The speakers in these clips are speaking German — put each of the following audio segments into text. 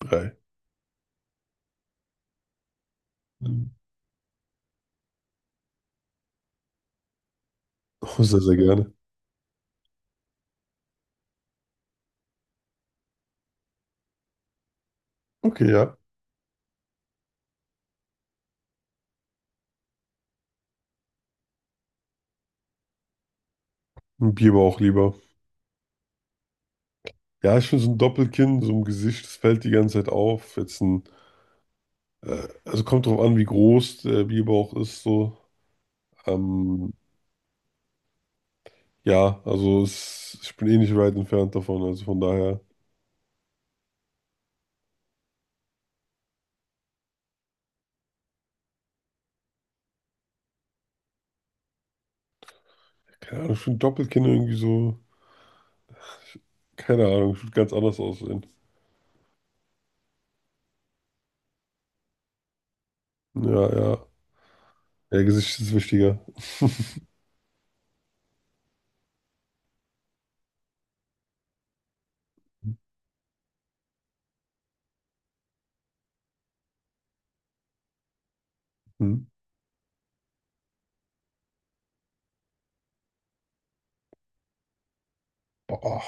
Drei. Mhm. Oh, sehr, sehr gerne. Okay, ja. Ein Bier aber auch lieber. Ja, ich finde so ein Doppelkinn, so ein Gesicht, das fällt die ganze Zeit auf. Also kommt drauf an, wie groß der Bierbauch ist, so. Ähm, ja, also ich bin eh nicht weit entfernt davon, also von daher, keine Ahnung, ich finde Doppelkinn irgendwie so, keine Ahnung, ich würde ganz anders aussehen. Ja, ja. Ja, Gesicht ist wichtiger. Hm. Boah,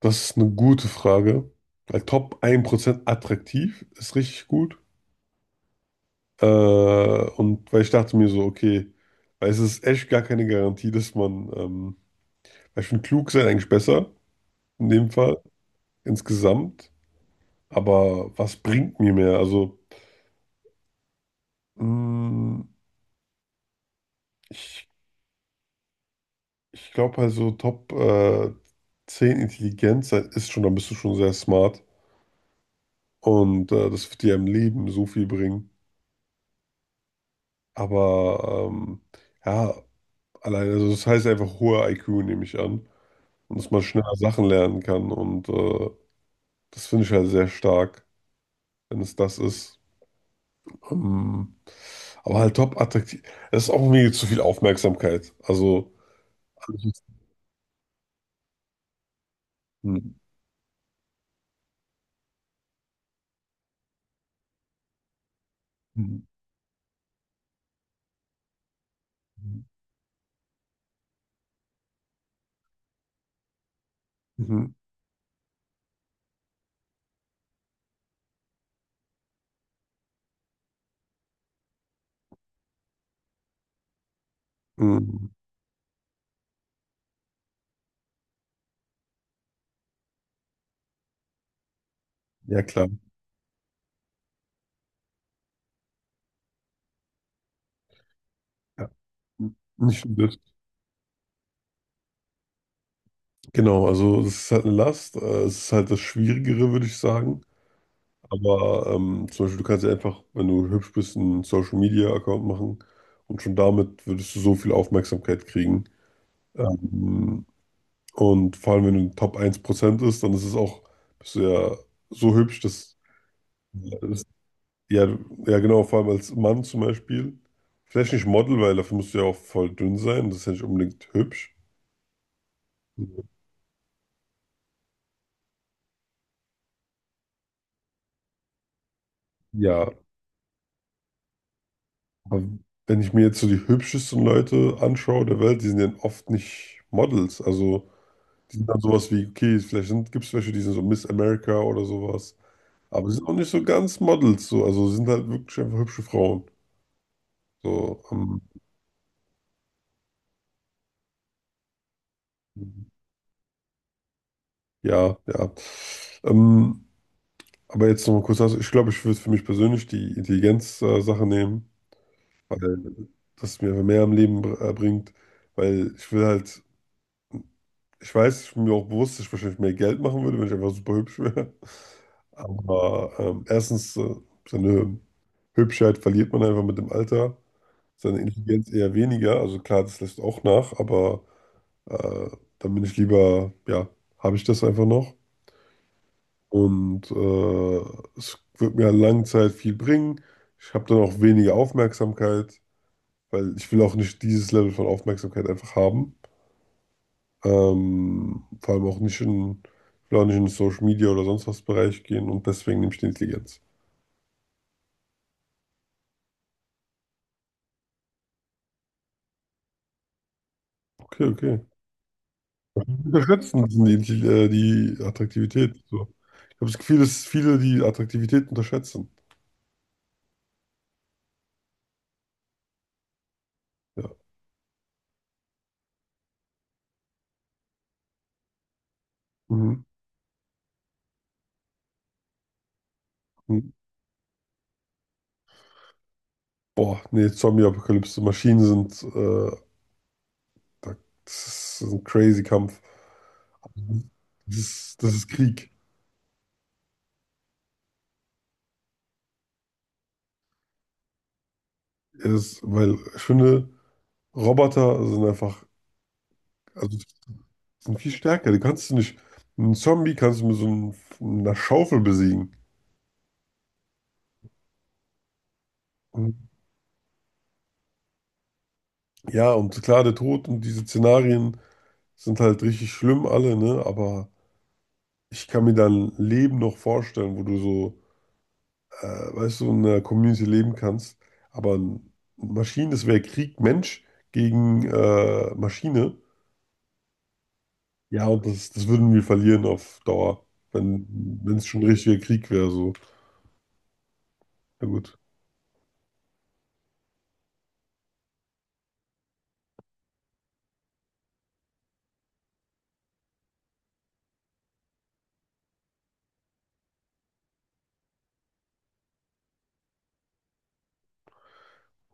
das ist eine gute Frage. Weil Top ein Prozent attraktiv ist richtig gut. Und weil ich dachte mir so, okay, weil es ist echt gar keine Garantie, dass man, weil ich finde, klug sein eigentlich besser, in dem Fall, insgesamt. Aber was bringt mir mehr? Also, mh, ich, ich glaube halt so Top 10 Intelligenz sein ist schon, dann bist du schon sehr smart. Und das wird dir im Leben so viel bringen. Aber ähm, ja, allein, also das heißt einfach hoher IQ, nehme ich an. Und dass man schneller Sachen lernen kann und. Das finde ich halt sehr stark, wenn es das ist. Ähm, aber halt top attraktiv. Es ist auch irgendwie zu viel Aufmerksamkeit. Also. alles- Mhm. Mhm. Mhm. Ja, klar. Ja. Nicht übel. Genau, also es ist halt eine Last. Es ist halt das Schwierigere, würde ich sagen. Aber zum Beispiel, du kannst ja einfach, wenn du hübsch bist, einen Social Media Account machen und schon damit würdest du so viel Aufmerksamkeit kriegen. Ähm, Und vor allem, wenn du in den Top 1% ist, dann ist es auch, bist du ja so hübsch, dass, ja, ja genau, vor allem als Mann zum Beispiel. Vielleicht nicht Model, weil dafür musst du ja auch voll dünn sein. Das ist ja nicht unbedingt hübsch. Ja, aber wenn ich mir jetzt so die hübschesten Leute anschaue der Welt, die sind ja oft nicht Models. Also die sind dann sowas wie, okay, vielleicht gibt es welche, die sind so Miss America oder sowas. Aber die sind auch nicht so ganz Models. So. Also sind halt wirklich einfach hübsche Frauen. So. Ja, ja. Ähm, aber jetzt noch mal kurz, also ich glaube, ich würde für mich persönlich die Intelligenz-Sache nehmen, weil das mir mehr am Leben bringt, weil ich will halt, ich weiß, ich bin mir auch bewusst, dass ich wahrscheinlich mehr Geld machen würde, wenn ich einfach super hübsch wäre. Aber erstens, seine Hübschheit verliert man einfach mit dem Alter, seine Intelligenz eher weniger, also klar, das lässt auch nach, aber äh, dann bin ich lieber, ja, habe ich das einfach noch. Und es wird mir an langen Zeit viel bringen. Ich habe dann auch weniger Aufmerksamkeit, weil ich will auch nicht dieses Level von Aufmerksamkeit einfach haben. Vor allem auch nicht in, ich will auch nicht in den Social Media oder sonst was Bereich gehen und deswegen nehme ich die Intelligenz. Okay, okay. Unterschätzen sind die die Attraktivität. So. Ich habe das Gefühl, dass viele die Attraktivität unterschätzen. Ja. Mhm. Mhm. Boah, nee, Zombie-Apokalypse. Maschinen sind, da- das ist ein crazy Kampf. Das ist Krieg. Es, weil ich finde, Roboter sind einfach, also sind viel stärker. Die kannst du nicht, Einen Zombie kannst du mit so einem, einer Schaufel besiegen. Und ja, und klar, der Tod und diese Szenarien sind halt richtig schlimm alle, ne? Aber ich kann mir dein Leben noch vorstellen, wo du so, äh, weißt du, in einer Community leben kannst. Aber Maschinen, das wäre Krieg, Mensch gegen Maschine. Ja, und das würden wir verlieren auf Dauer, wenn wenn es schon ein richtiger Krieg wäre. So. Na gut.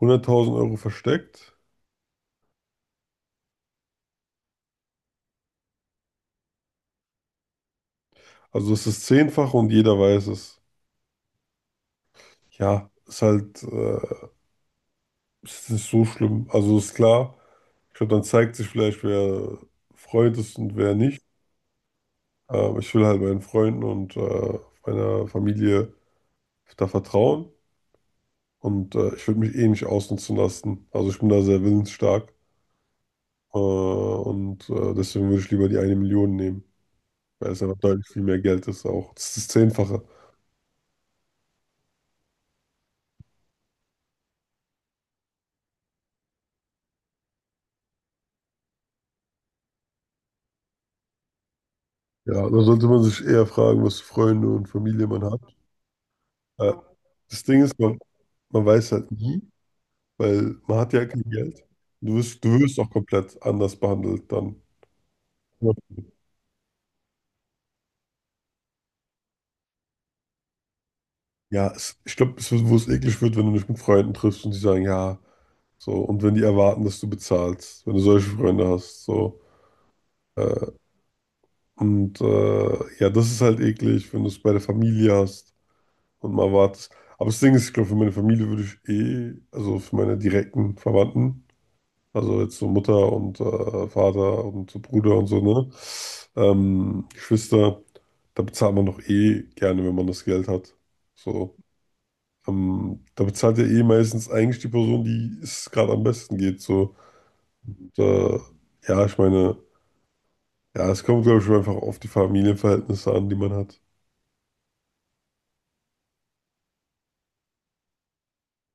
100.000 € versteckt. Also das ist zehnfach und jeder weiß es. Ja, ist nicht so schlimm. Also ist klar, ich glaube, dann zeigt sich vielleicht, wer Freund ist und wer nicht. Ich will halt meinen Freunden und meiner Familie da vertrauen. Und ich würde mich eh nicht ausnutzen lassen. Also ich bin da sehr willensstark. Und deswegen würde ich lieber die eine Million nehmen. Weil es einfach deutlich viel mehr Geld ist auch. Das ist das Zehnfache. Ja, da sollte man sich eher fragen, was für Freunde und Familie man hat. Äh, Das Ding ist, man weiß halt nie, weil man hat ja kein Geld. Du wirst auch komplett anders behandelt dann. Ja, es, ich glaube, es wird, wo es eklig wird, wenn du dich mit Freunden triffst und die sagen, ja, so, und wenn die erwarten, dass du bezahlst, wenn du solche Freunde hast, so. Äh, und ja, das ist halt eklig, wenn du es bei der Familie hast. Und mal wartest. Aber das Ding ist, ich glaube, für meine Familie würde ich eh, also für meine direkten Verwandten, also jetzt so Mutter und Vater und so Bruder und so, ne? Geschwister, da bezahlt man doch eh gerne, wenn man das Geld hat. So. Da bezahlt ja eh meistens eigentlich die Person, die es gerade am besten geht. So. Und, äh, ja, ich meine, ja, es kommt, glaube ich, einfach auf die Familienverhältnisse an, die man hat.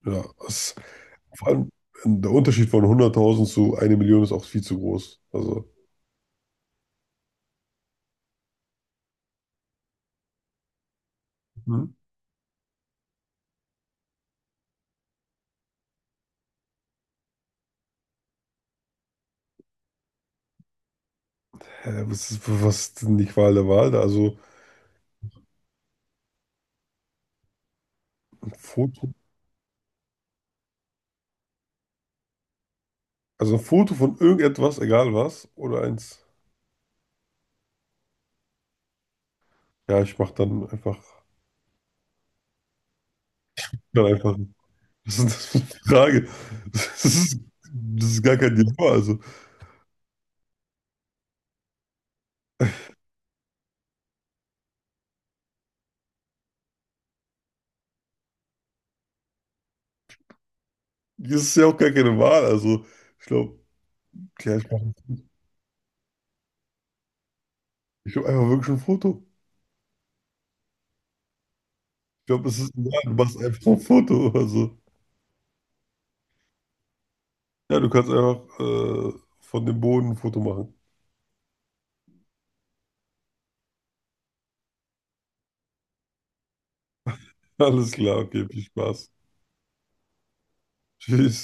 Ja, es vor allem der Unterschied von 100.000 zu 1 Million ist auch viel zu groß. Also, Mhm. Was ist, was ist denn die Qual der Wahl da? Ein Foto, also ein Foto von irgendetwas, egal was, oder eins. Ja, ich mach dann einfach, Dann einfach. Was ist denn das für eine Frage? Das ist, Das ist gar kein Dilemma. Also, das ist ja auch gar keine Wahl. Also, ich glaube, ja, ich mach, ich glaub einfach wirklich ein Foto. Ich glaube, es ist egal. Du machst einfach ein Foto. Also, ja, du kannst einfach von dem Boden ein Foto machen. Alles klar, okay, viel Spaß. Tschüss.